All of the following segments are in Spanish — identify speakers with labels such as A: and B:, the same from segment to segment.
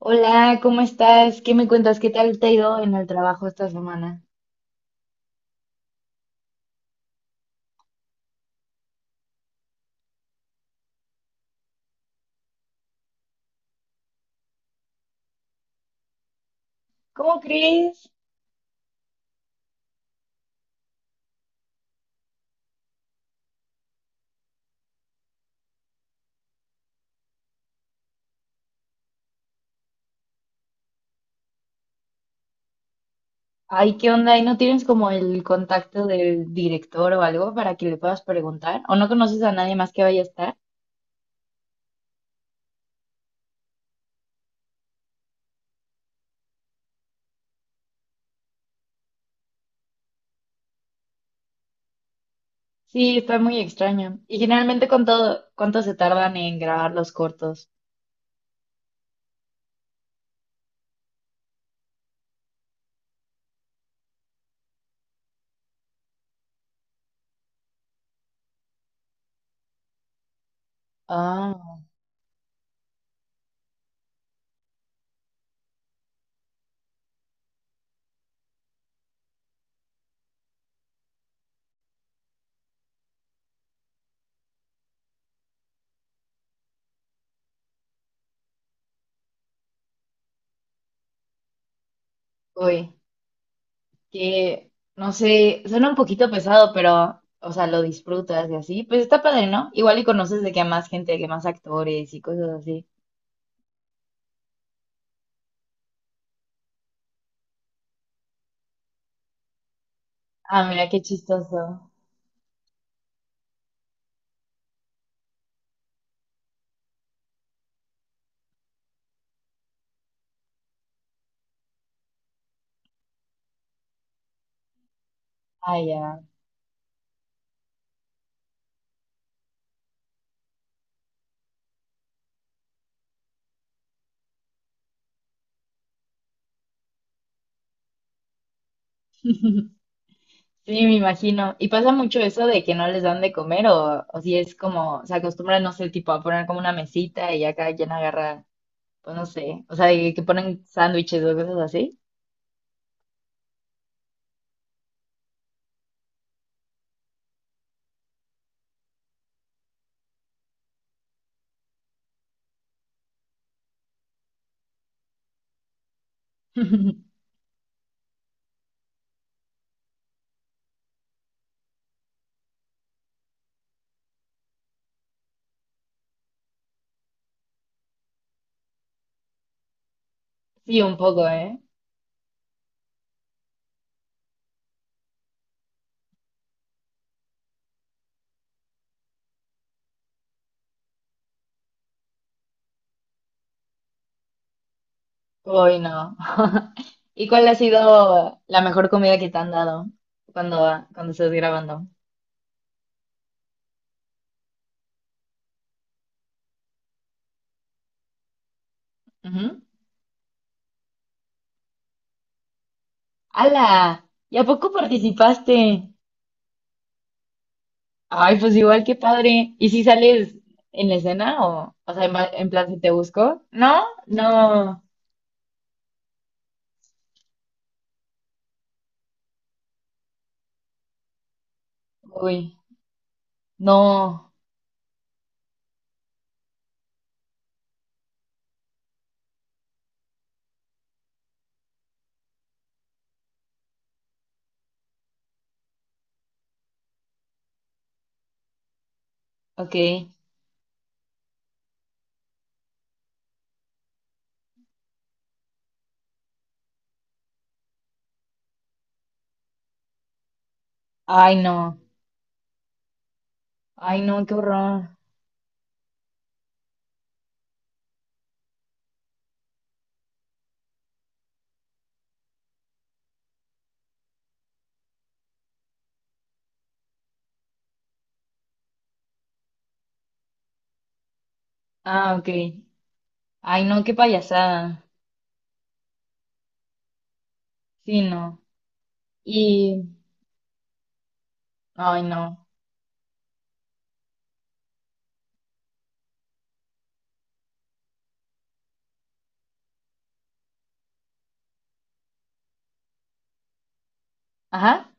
A: Hola, ¿cómo estás? ¿Qué me cuentas? ¿Qué tal te ha ido en el trabajo esta semana? ¿Cómo crees? Ay, ¿qué onda? ¿Y no tienes como el contacto del director o algo para que le puedas preguntar? ¿O no conoces a nadie más que vaya a estar? Sí, está muy extraño. ¿Y generalmente cuánto se tardan en grabar los cortos? Ah, uy, que no sé, suena un poquito pesado, pero, o sea, lo disfrutas y así. Pues está padre, ¿no? Igual y conoces de que a más gente, que más actores y cosas así. Ah, mira, qué chistoso. Ah, ya. Sí, me imagino. ¿Y pasa mucho eso de que no les dan de comer o si es como, se acostumbran, no sé, tipo a poner como una mesita y ya cada quien agarra, pues no sé, o sea, de que ponen sándwiches o cosas así? Sí, un poco, ¿eh? Hoy no. ¿Y cuál ha sido la mejor comida que te han dado cuando, cuando estás grabando? Ujú. ¡Hala! ¿Y a poco participaste? Ay, pues igual, qué padre. ¿Y si sales en la escena o sea, en, va- en plan si te busco? No, no. Uy, no. Ok. Ay, no. Ay, no, qué horror. Ah, ok. Ay, no, qué payasada. Sí, no. Y, ay, no. Ajá.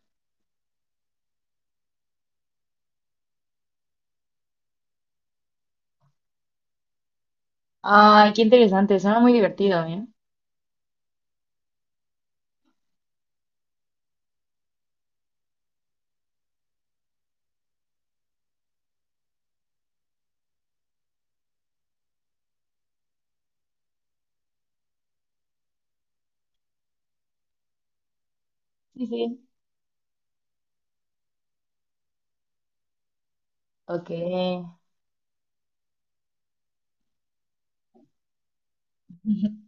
A: Ay, qué interesante. Suena muy divertido, ¿eh? Sí, sí. Ok.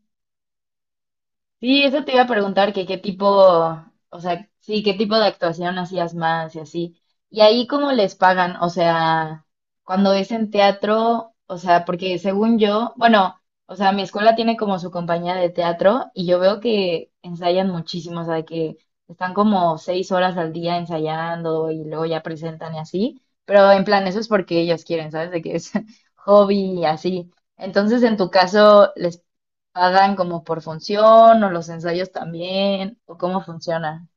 A: Sí, eso te iba a preguntar, que qué tipo, o sea, sí, qué tipo de actuación hacías más y así. Y ahí cómo les pagan, o sea, cuando es en teatro, o sea, porque según yo, bueno, o sea, mi escuela tiene como su compañía de teatro y yo veo que ensayan muchísimo, o sea, que están como 6 horas al día ensayando y luego ya presentan y así, pero en plan, eso es porque ellos quieren, ¿sabes? De que es hobby y así. Entonces, en tu caso, ¿les ¿pagan como por función o los ensayos también? ¿O cómo funciona?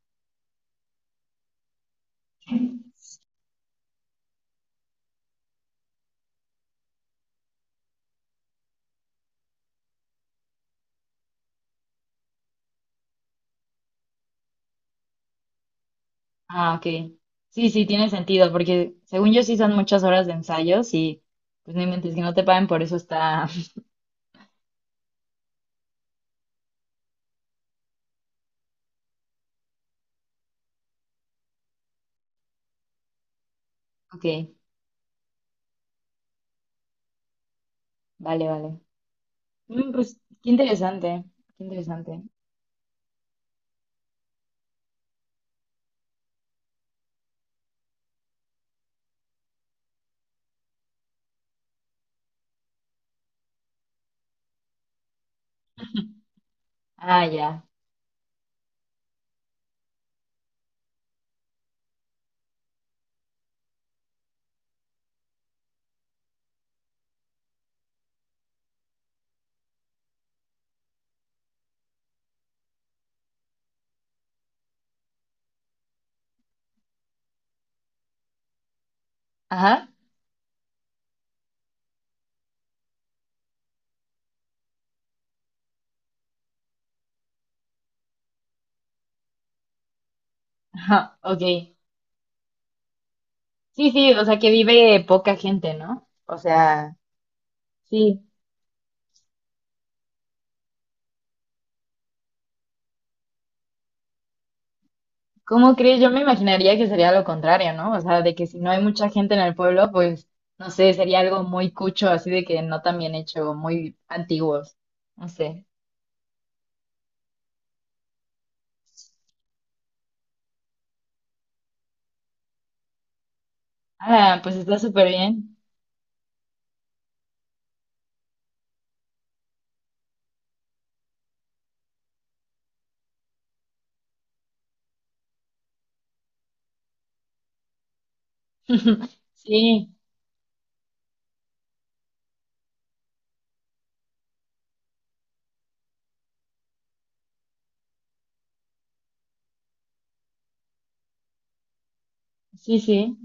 A: Ah, ok. Sí, sí, tiene sentido, porque según yo sí son muchas horas de ensayos y pues no inventes que no te paguen por eso está. Ok, vale, vale. Mm, pues qué interesante, qué interesante. Ah, ya. Ajá. Ajá, ok. Sí, sí, o sea que vive poca gente, ¿no? O sea, sí. ¿Cómo crees? Yo me imaginaría que sería lo contrario, ¿no? O sea, de que si no hay mucha gente en el pueblo, pues, no sé, sería algo muy cucho, así de que no tan bien hecho, muy antiguos. No sé. Ah, pues está súper bien. Sí, sí, sí.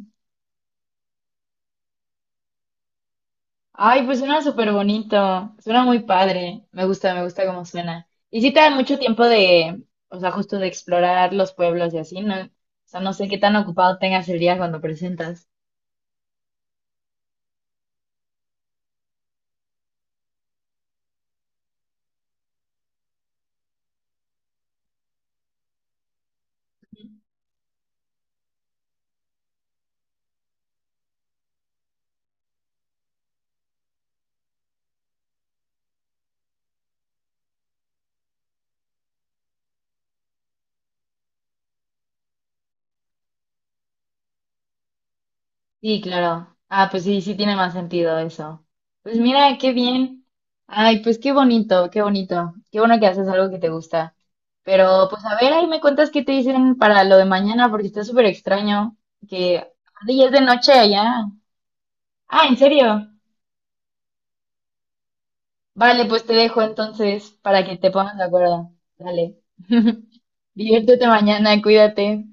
A: Ay, pues suena súper bonito. Suena muy padre. Me gusta cómo suena. Y sí te da mucho tiempo de, o sea, justo de explorar los pueblos y así, ¿no? O sea, no sé qué tan ocupado tengas el día cuando presentas. Sí, claro. Ah, pues sí, sí tiene más sentido eso. Pues mira, qué bien. Ay, pues qué bonito, qué bonito. Qué bueno que haces algo que te gusta. Pero pues a ver, ahí me cuentas qué te dicen para lo de mañana, porque está súper extraño que aparte ya es de noche allá. Ah, ¿en serio? Vale, pues te dejo entonces para que te pongas de acuerdo. Dale. Diviértete mañana, cuídate.